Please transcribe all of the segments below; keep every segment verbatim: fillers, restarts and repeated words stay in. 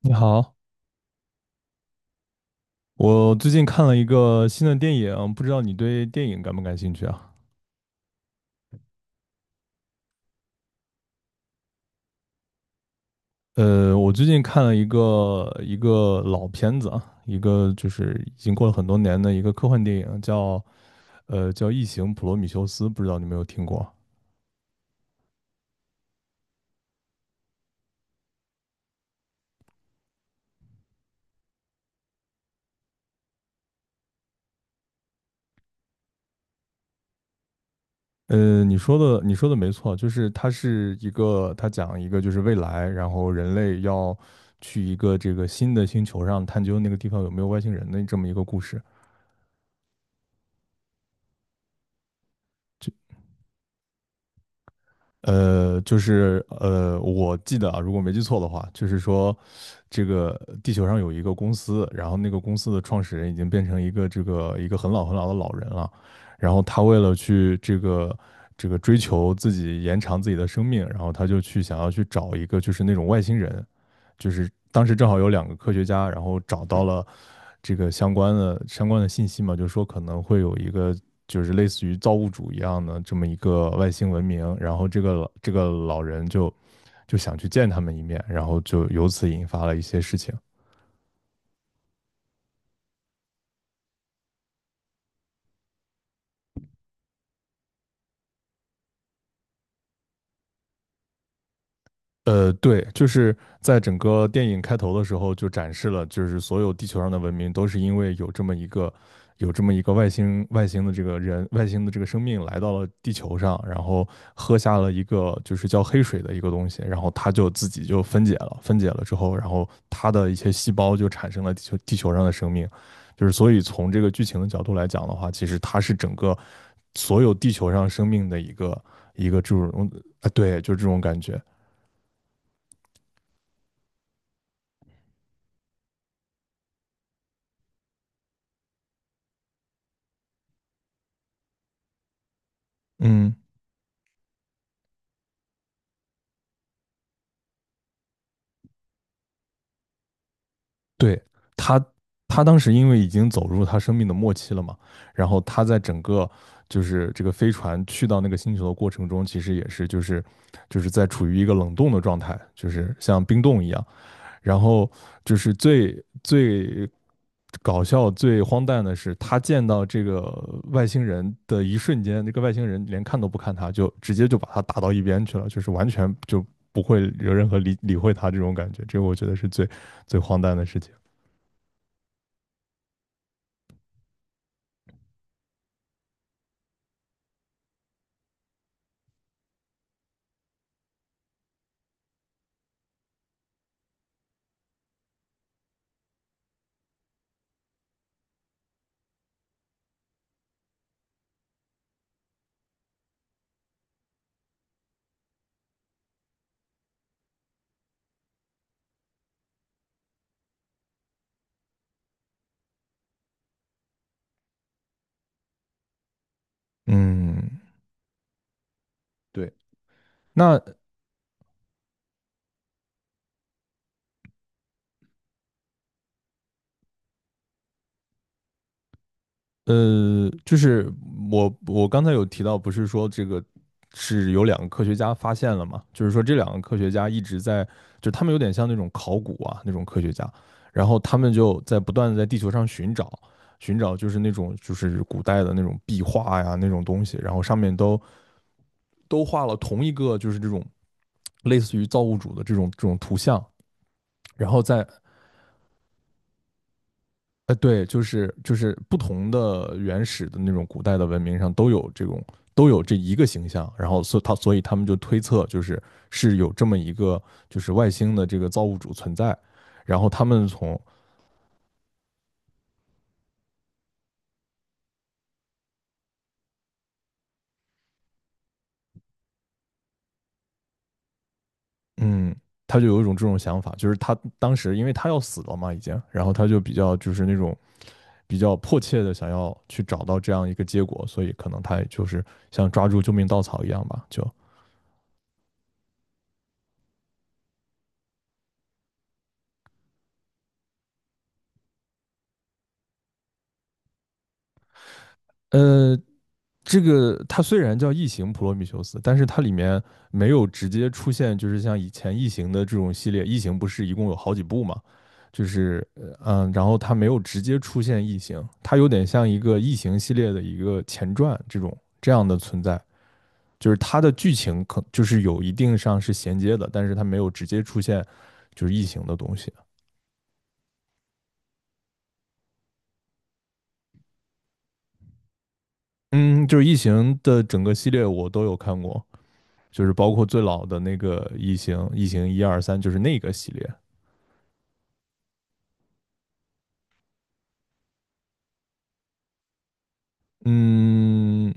你好，我最近看了一个新的电影，不知道你对电影感不感兴趣啊？呃，我最近看了一个一个老片子啊，一个就是已经过了很多年的一个科幻电影，叫呃叫《异形：普罗米修斯》，不知道你有没有听过？呃，你说的你说的没错，就是它是一个，它讲一个就是未来，然后人类要去一个这个新的星球上探究那个地方有没有外星人的这么一个故事。呃，就是呃，我记得啊，如果没记错的话，就是说，这个地球上有一个公司，然后那个公司的创始人已经变成一个这个一个很老很老的老人了，然后他为了去这个这个追求自己延长自己的生命，然后他就去想要去找一个就是那种外星人，就是当时正好有两个科学家，然后找到了这个相关的相关的信息嘛，就是说可能会有一个就是类似于造物主一样的这么一个外星文明，然后这个这个老人就就想去见他们一面，然后就由此引发了一些事情。呃，对，就是在整个电影开头的时候就展示了，就是所有地球上的文明都是因为有这么一个有这么一个外星外星的这个人外星的这个生命来到了地球上，然后喝下了一个就是叫黑水的一个东西，然后它就自己就分解了，分解了之后，然后它的一些细胞就产生了地球地球上的生命，就是所以从这个剧情的角度来讲的话，其实它是整个所有地球上生命的一个一个这种啊，呃对，就这种感觉，嗯。对，他，他当时因为已经走入他生命的末期了嘛，然后他在整个就是这个飞船去到那个星球的过程中，其实也是就是就是在处于一个冷冻的状态，就是像冰冻一样。然后就是最最搞笑、最荒诞的是，他见到这个外星人的一瞬间，那个外星人连看都不看他，就直接就把他打到一边去了，就是完全就不会有任何理理会他这种感觉。这个我觉得是最最荒诞的事情。嗯，对，那呃，就是我我刚才有提到，不是说这个是有两个科学家发现了嘛？就是说这两个科学家一直在，就他们有点像那种考古啊那种科学家，然后他们就在不断的在地球上寻找，寻找，就是那种就是古代的那种壁画呀那种东西，然后上面都都画了同一个就是这种类似于造物主的这种这种图像，然后在呃，对，就是就是不同的原始的那种古代的文明上都有这种都有这一个形象，然后所以他所以他们就推测就是是有这么一个就是外星的这个造物主存在，然后他们从嗯。他就有一种这种想法，就是他当时因为他要死了嘛，已经，然后他就比较就是那种比较迫切的想要去找到这样一个结果，所以可能他也就是像抓住救命稻草一样吧，就呃，这个它虽然叫异形普罗米修斯，但是它里面没有直接出现，就是像以前异形的这种系列，异形不是一共有好几部嘛？就是呃嗯，然后它没有直接出现异形，它有点像一个异形系列的一个前传这种这样的存在，就是它的剧情可就是有一定上是衔接的，但是它没有直接出现就是异形的东西。嗯，就是异形的整个系列我都有看过，就是包括最老的那个异形，异形一二三，就是那个系列。嗯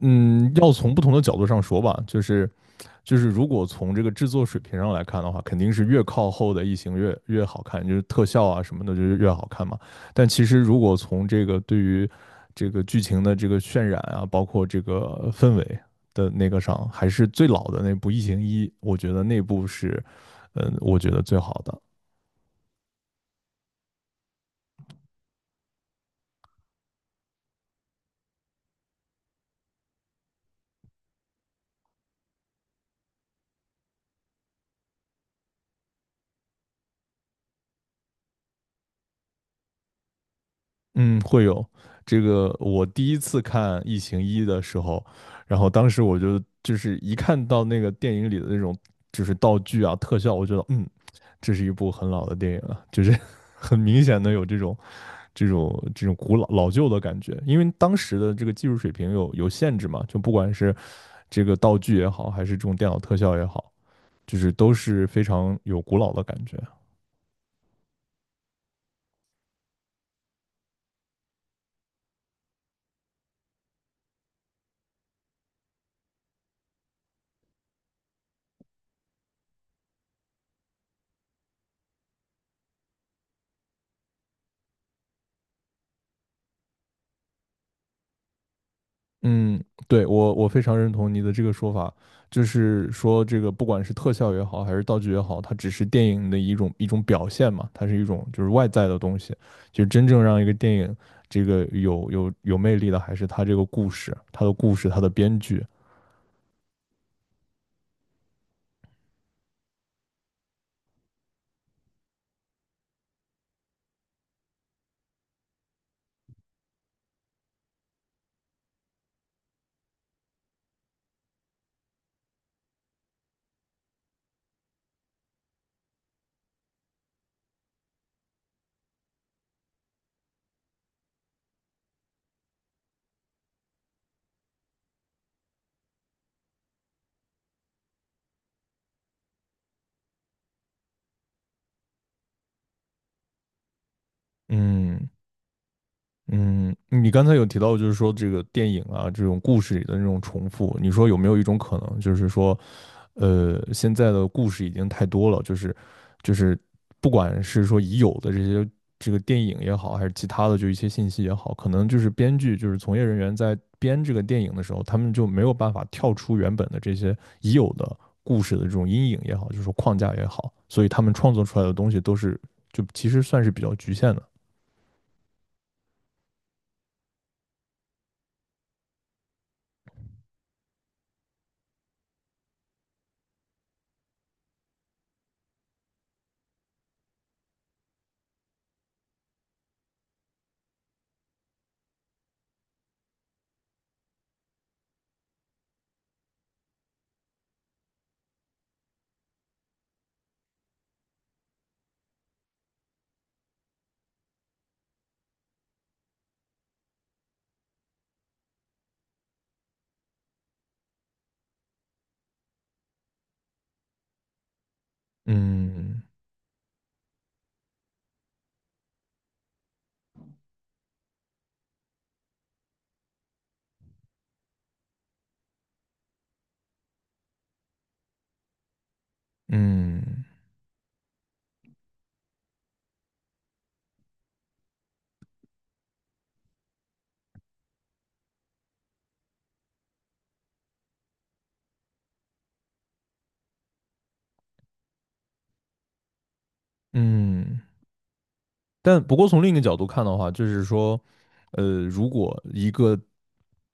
嗯，要从不同的角度上说吧，就是就是如果从这个制作水平上来看的话，肯定是越靠后的《异形越》越好看，就是特效啊什么的，就是越好看嘛。但其实如果从这个对于这个剧情的这个渲染啊，包括这个氛围的那个上，还是最老的那部《异形一》，我觉得那部是，嗯，我觉得最好的。嗯，会有这个。我第一次看《异形一》的时候，然后当时我就就是一看到那个电影里的那种就是道具啊、特效，我觉得嗯，这是一部很老的电影了，就是 很明显的有这种这种这种古老老旧的感觉。因为当时的这个技术水平有有限制嘛，就不管是这个道具也好，还是这种电脑特效也好，就是都是非常有古老的感觉。嗯，对我我非常认同你的这个说法，就是说这个不管是特效也好，还是道具也好，它只是电影的一种一种表现嘛，它是一种就是外在的东西，就是真正让一个电影这个有有有魅力的，还是它这个故事，它的故事，它的编剧。嗯，嗯，你刚才有提到，就是说这个电影啊，这种故事里的那种重复，你说有没有一种可能，就是说，呃，现在的故事已经太多了，就是就是不管是说已有的这些这个电影也好，还是其他的就一些信息也好，可能就是编剧就是从业人员在编这个电影的时候，他们就没有办法跳出原本的这些已有的故事的这种阴影也好，就是说框架也好，所以他们创作出来的东西都是就其实算是比较局限的。嗯，嗯嗯，但不过从另一个角度看的话，就是说，呃，如果一个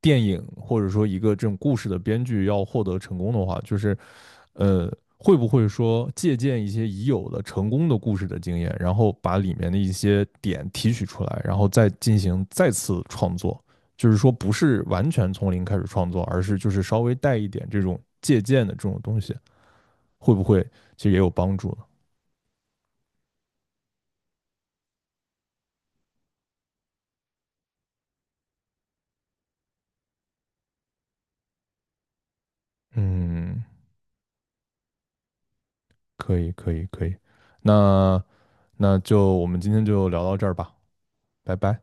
电影或者说一个这种故事的编剧要获得成功的话，就是呃，会不会说借鉴一些已有的成功的故事的经验，然后把里面的一些点提取出来，然后再进行再次创作？就是说，不是完全从零开始创作，而是就是稍微带一点这种借鉴的这种东西，会不会其实也有帮助呢？嗯，可以，可以，可以。那那就我们今天就聊到这儿吧，拜拜。